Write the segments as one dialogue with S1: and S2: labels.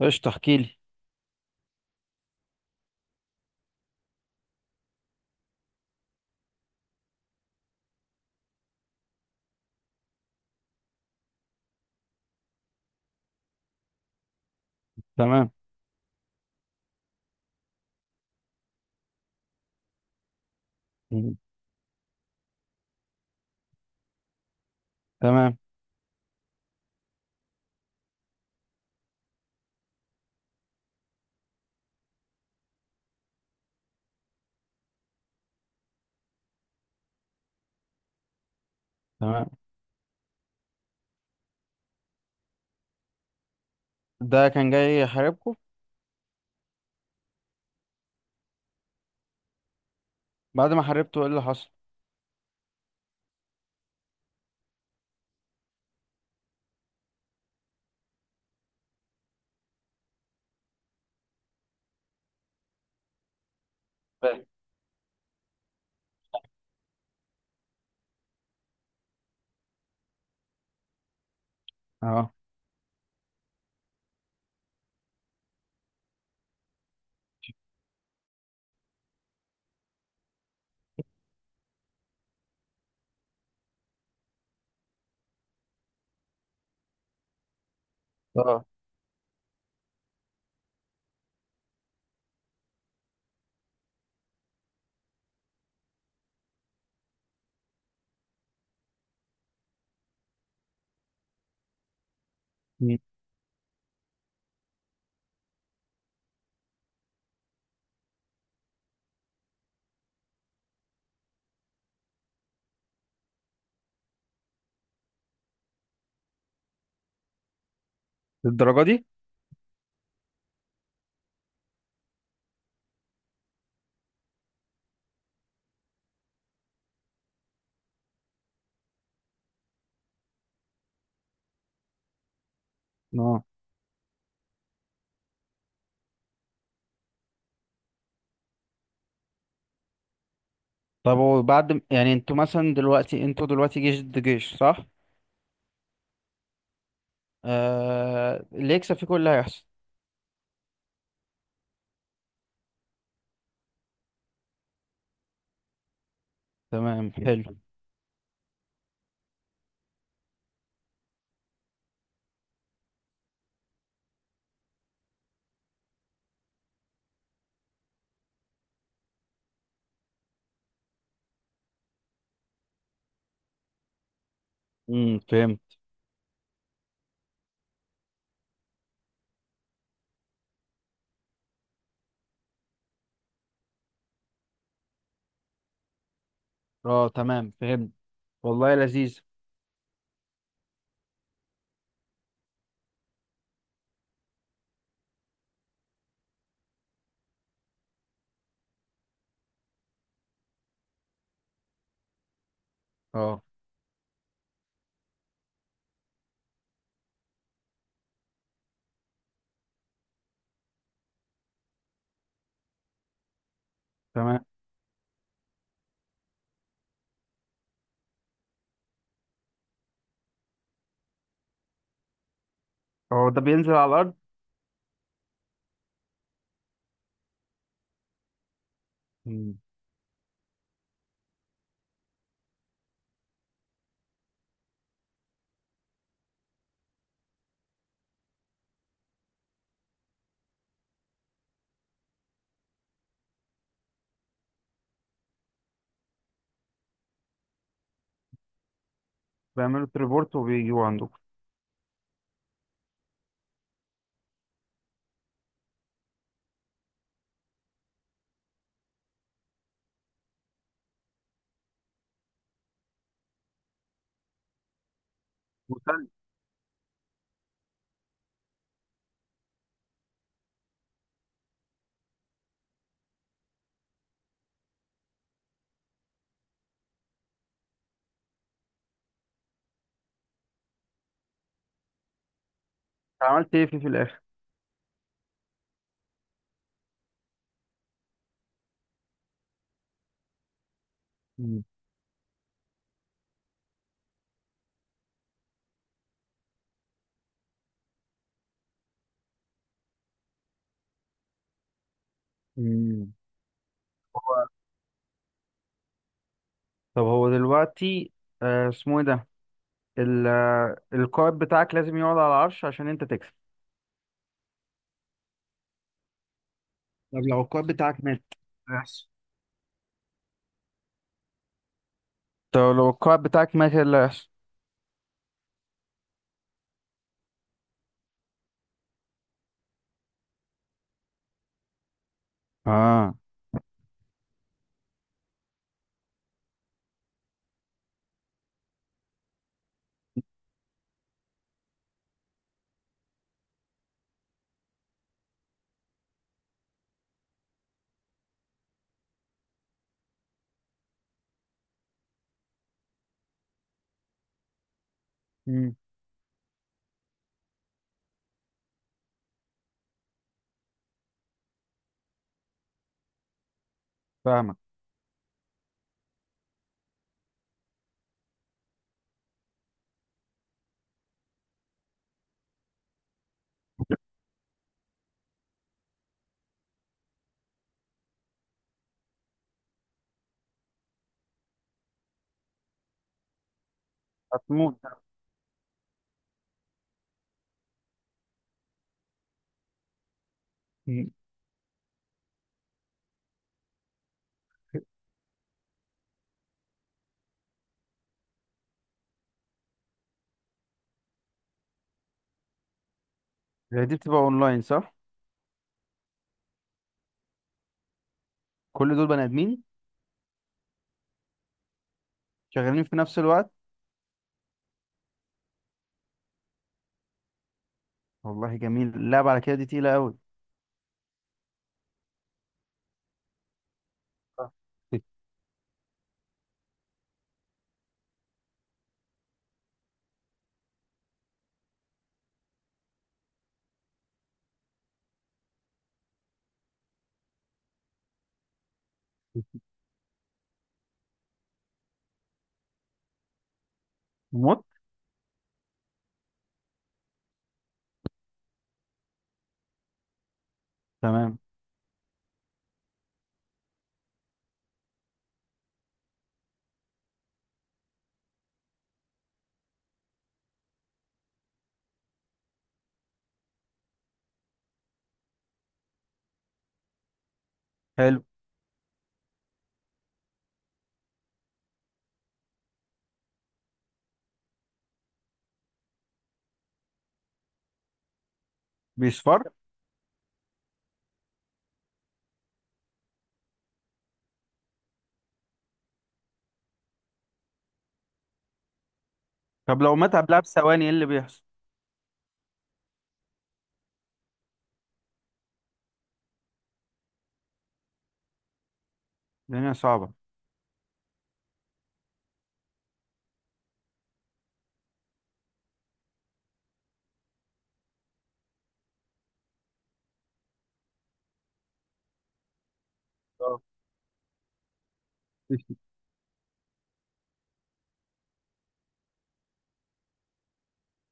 S1: قشطة، احكي لي. تمام. مم. تمام. تمام. ده كان جاي يحاربكم. بعد ما حاربته ايه اللي حصل؟ فاهم. اه. اه. مم. الدرجة دي؟ اه. طب وبعد يعني انتوا دلوقتي جيش ضد جيش، صح؟ اللي يكسب فيكم اللي هيحصل؟ تمام، حلو. فهمت. اه، تمام، فهمت. والله، لذيذ. اه، تمام. هو ده بينزل على الارض؟ مم. بيعملوا تريبورت وبيجوا عندكم؟ وسلم. عملت ايه فيه في الاخر؟ مم. مم. طب هو دلوقتي، اسمه ايه ده؟ القائد بتاعك لازم يقعد على العرش عشان انت تكسب؟ طب لو القائد بتاعك مات إيه اللي هيحصل؟ طب لو القائد بتاعك مات ايه اللي هيحصل؟ اه. مم. فاهمك. هتموت؟ مم. هي دي بتبقى اونلاين، صح؟ كل دول بني ادمين. شغالين في نفس الوقت؟ والله، جميل اللعبة على كده. دي تقيلة قوي. موت. تمام. حلو. بيصفر؟ طب لو مات قبلها بثواني ايه اللي بيحصل؟ الدنيا صعبة. آه.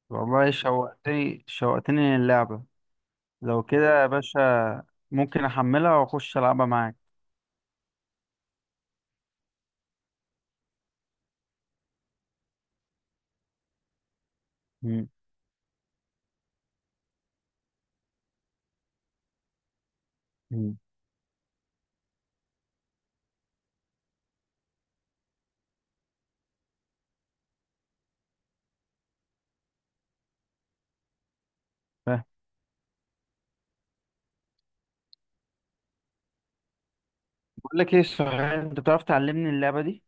S1: والله، شوقتني شوقتني للعبة. لو كده يا باشا، ممكن احملها واخش العبها معاك؟ مم. مم. فاهم. بقول لك ايه، صحيح انت بتعرف تعلمني اللعبه دي؟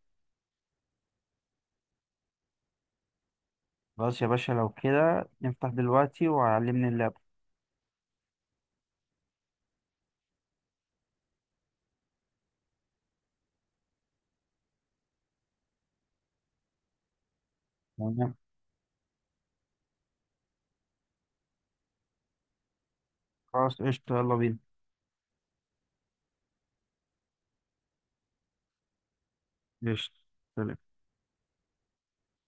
S1: خلاص يا باشا، لو كده نفتح دلوقتي وعلمني اللعبه. تمام. خلاص، قشطه، يلا بينا. قشطة. سلام.